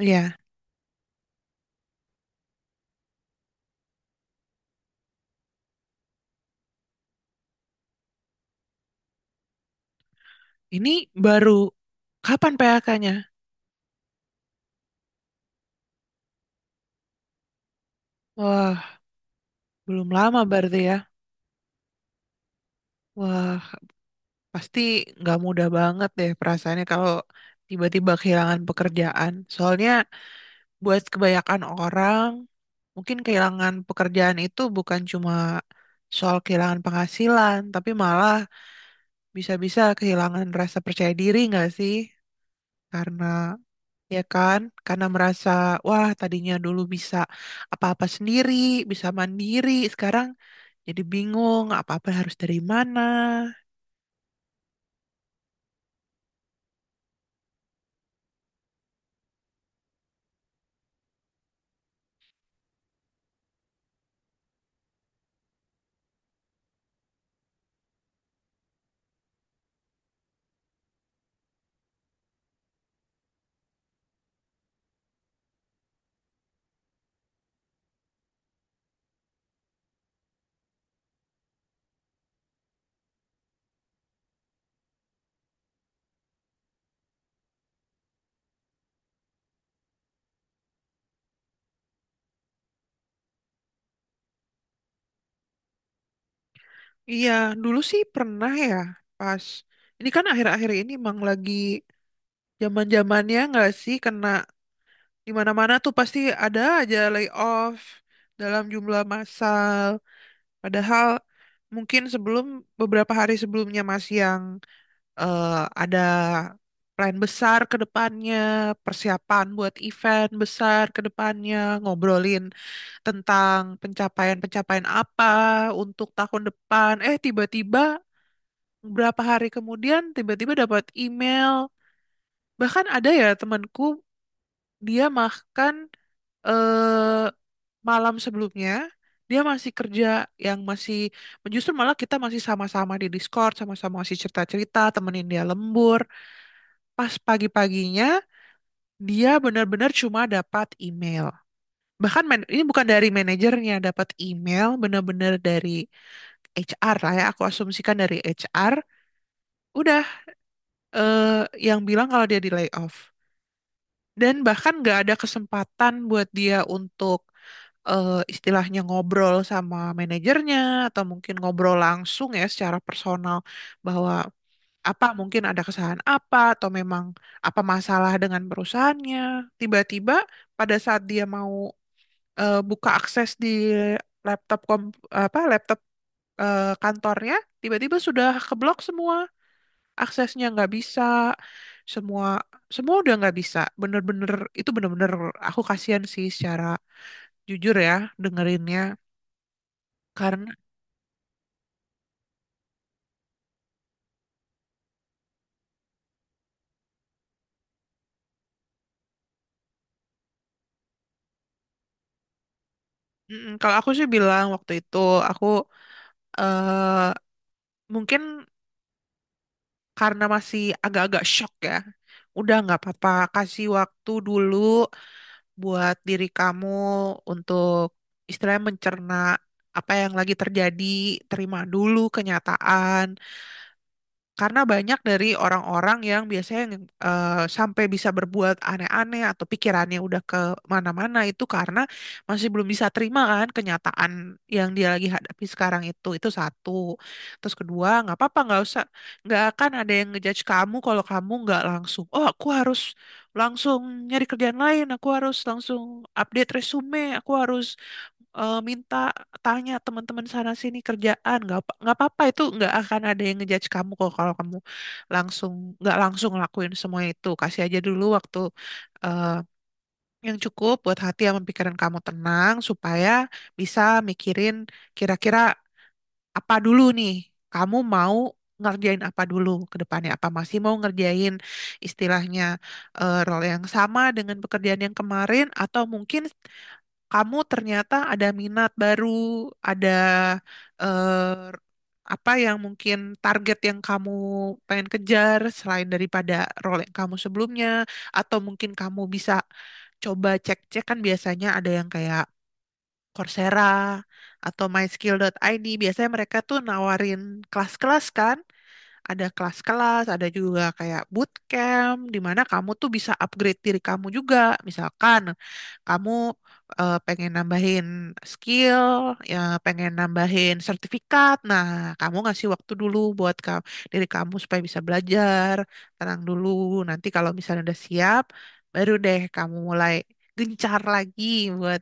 Iya, ini baru kapan PHK-nya? Wah, belum lama berarti ya. Wah, pasti nggak mudah banget deh perasaannya kalau tiba-tiba kehilangan pekerjaan. Soalnya buat kebanyakan orang, mungkin kehilangan pekerjaan itu bukan cuma soal kehilangan penghasilan, tapi malah bisa-bisa kehilangan rasa percaya diri nggak sih? Karena ya kan? Karena merasa, wah tadinya dulu bisa apa-apa sendiri, bisa mandiri, sekarang jadi bingung apa-apa harus dari mana. Iya, dulu sih pernah ya, pas. Ini kan akhir-akhir ini emang lagi zaman-zamannya nggak sih kena di mana-mana tuh pasti ada aja layoff dalam jumlah massal. Padahal mungkin sebelum beberapa hari sebelumnya masih yang eh, ada plan besar ke depannya, persiapan buat event besar ke depannya, ngobrolin tentang pencapaian-pencapaian apa untuk tahun depan. Tiba-tiba berapa hari kemudian tiba-tiba dapat email. Bahkan ada ya temanku, dia makan eh, malam sebelumnya. Dia masih kerja, yang masih, justru malah kita masih sama-sama di Discord, sama-sama masih cerita-cerita, temenin dia lembur. Pas pagi-paginya dia benar-benar cuma dapat email. Bahkan ini bukan dari manajernya, dapat email benar-benar dari HR lah ya. Aku asumsikan dari HR. Udah eh, yang bilang kalau dia di layoff. Dan bahkan nggak ada kesempatan buat dia untuk istilahnya ngobrol sama manajernya atau mungkin ngobrol langsung ya secara personal bahwa apa mungkin ada kesalahan apa atau memang apa masalah dengan perusahaannya. Tiba-tiba pada saat dia mau buka akses di laptop kom apa laptop kantornya, tiba-tiba sudah keblok semua, aksesnya nggak bisa. Semua, semua udah nggak bisa, bener-bener. Itu bener-bener, aku kasihan sih secara jujur ya dengerinnya, karena... Kalau aku sih bilang waktu itu aku eh mungkin karena masih agak-agak shock ya, udah nggak apa-apa, kasih waktu dulu buat diri kamu untuk istilahnya mencerna apa yang lagi terjadi, terima dulu kenyataan, karena banyak dari orang-orang yang biasanya yang, sampai bisa berbuat aneh-aneh atau pikirannya udah ke mana-mana itu karena masih belum bisa terima kan kenyataan yang dia lagi hadapi sekarang itu. Itu satu. Terus kedua, nggak apa-apa, nggak usah, nggak akan ada yang ngejudge kamu kalau kamu nggak langsung, oh aku harus langsung nyari kerjaan lain, aku harus langsung update resume, aku harus minta tanya teman-teman sana sini kerjaan nggak apa-apa. Itu nggak akan ada yang ngejudge kamu kok kalau kamu langsung nggak langsung lakuin semua itu. Kasih aja dulu waktu eh, yang cukup buat hati sama pikiran kamu tenang supaya bisa mikirin kira-kira apa dulu nih kamu mau ngerjain apa dulu ke depannya, apa masih mau ngerjain istilahnya role yang sama dengan pekerjaan yang kemarin, atau mungkin kamu ternyata ada minat baru, ada eh, apa yang mungkin target yang kamu pengen kejar selain daripada role yang kamu sebelumnya, atau mungkin kamu bisa coba cek-cek kan biasanya ada yang kayak Coursera atau myskill.id. Biasanya mereka tuh nawarin kelas-kelas kan, ada kelas-kelas, ada juga kayak bootcamp di mana kamu tuh bisa upgrade diri kamu juga. Misalkan kamu pengen nambahin skill, ya pengen nambahin sertifikat. Nah, kamu ngasih waktu dulu buat kamu, diri kamu supaya bisa belajar, tenang dulu. Nanti kalau misalnya udah siap, baru deh kamu mulai gencar lagi buat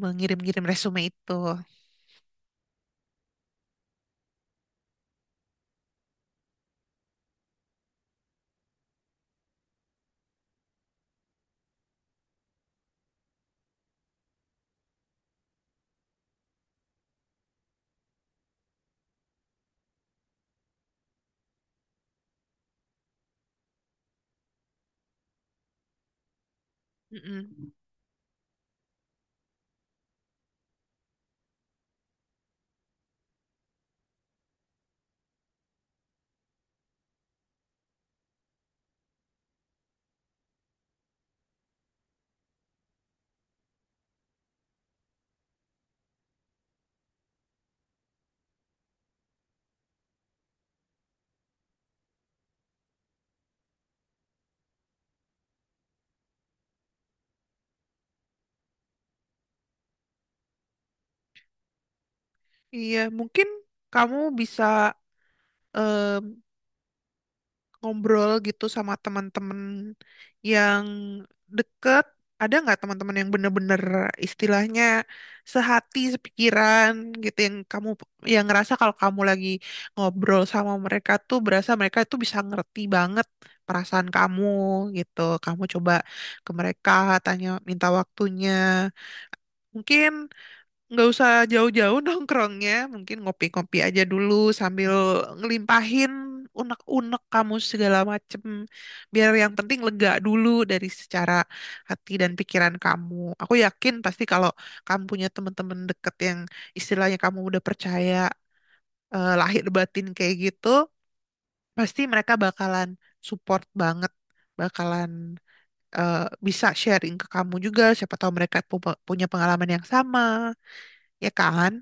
mengirim-ngirim resume itu. Mm-mm. Iya, mungkin kamu bisa em, ngobrol gitu sama teman-teman yang deket? Ada nggak teman-teman yang bener-bener istilahnya sehati, sepikiran gitu, yang kamu, yang ngerasa kalau kamu lagi ngobrol sama mereka tuh berasa mereka tuh bisa ngerti banget perasaan kamu gitu. Kamu coba ke mereka tanya minta waktunya. Mungkin nggak usah jauh-jauh nongkrongnya, mungkin ngopi-ngopi aja dulu sambil ngelimpahin unek-unek kamu segala macem. Biar yang penting lega dulu dari secara hati dan pikiran kamu. Aku yakin pasti kalau kamu punya teman-teman deket yang istilahnya kamu udah percaya lahir batin kayak gitu, pasti mereka bakalan support banget, bakalan eh, bisa sharing ke kamu juga. Siapa tahu mereka punya pengalaman yang sama, ya kan?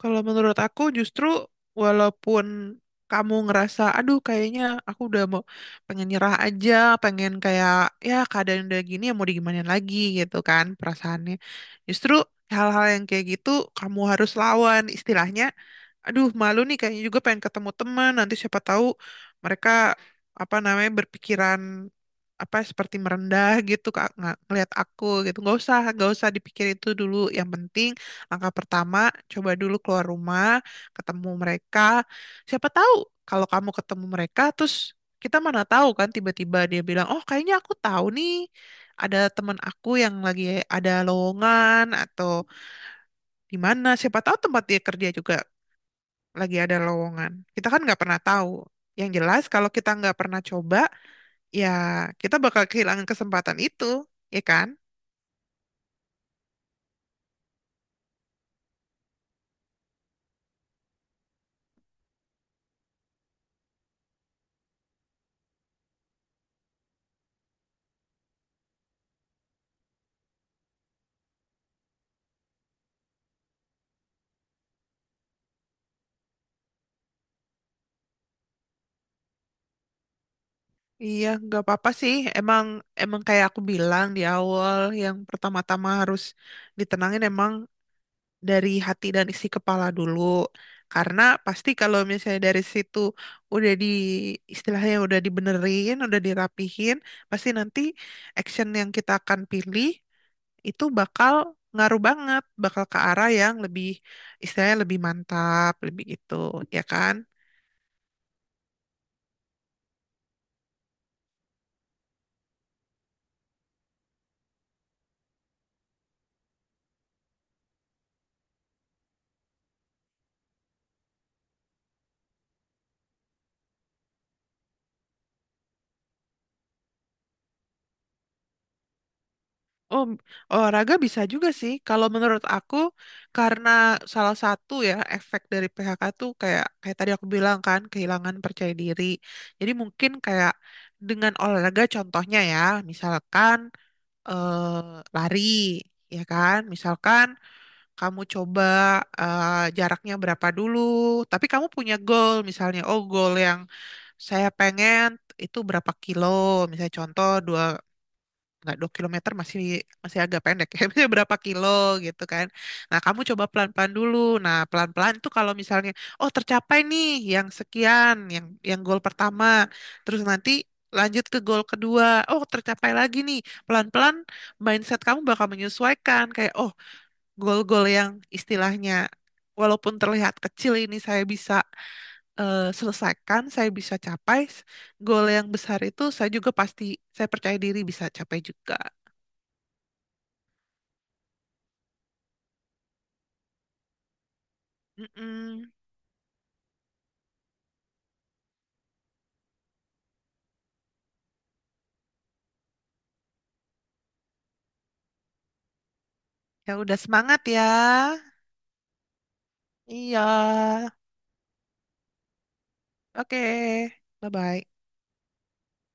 Kalau menurut aku, justru walaupun kamu ngerasa aduh kayaknya aku udah mau pengen nyerah aja, pengen kayak ya keadaan udah gini ya mau digimanain lagi gitu kan perasaannya. Justru hal-hal yang kayak gitu kamu harus lawan istilahnya. Aduh malu nih kayaknya juga pengen ketemu teman, nanti siapa tahu mereka apa namanya berpikiran apa seperti merendah gitu kak nggak ngelihat aku gitu. Nggak usah dipikir itu dulu, yang penting langkah pertama, coba dulu keluar rumah, ketemu mereka. Siapa tahu kalau kamu ketemu mereka, terus kita mana tahu kan tiba-tiba dia bilang, oh kayaknya aku tahu nih ada teman aku yang lagi ada lowongan atau di mana. Siapa tahu tempat dia kerja juga lagi ada lowongan. Kita kan nggak pernah tahu. Yang jelas kalau kita nggak pernah coba, ya kita bakal kehilangan kesempatan itu, ya kan? Iya, nggak apa-apa sih. Emang emang kayak aku bilang di awal, yang pertama-tama harus ditenangin emang dari hati dan isi kepala dulu. Karena pasti kalau misalnya dari situ udah di istilahnya udah dibenerin, udah dirapihin, pasti nanti action yang kita akan pilih itu bakal ngaruh banget, bakal ke arah yang lebih istilahnya lebih mantap, lebih itu, ya kan? Oh, olahraga bisa juga sih. Kalau menurut aku, karena salah satu ya efek dari PHK tuh kayak kayak tadi aku bilang kan kehilangan percaya diri. Jadi mungkin kayak dengan olahraga contohnya ya, misalkan lari, ya kan? Misalkan kamu coba eh, jaraknya berapa dulu, tapi kamu punya goal misalnya, oh goal yang saya pengen itu berapa kilo, misalnya contoh dua, nggak, 2 kilometer masih masih agak pendek ya. Maksudnya berapa kilo gitu kan. Nah kamu coba pelan-pelan dulu. Nah pelan-pelan tuh kalau misalnya oh tercapai nih yang sekian, yang goal pertama, terus nanti lanjut ke goal kedua, oh tercapai lagi nih, pelan-pelan mindset kamu bakal menyesuaikan kayak oh goal-goal yang istilahnya walaupun terlihat kecil ini saya bisa selesaikan, saya bisa capai goal yang besar itu, saya juga pasti, saya percaya diri bisa capai juga. Mm-mm. Ya udah semangat ya. Iya. Oke. Bye-bye.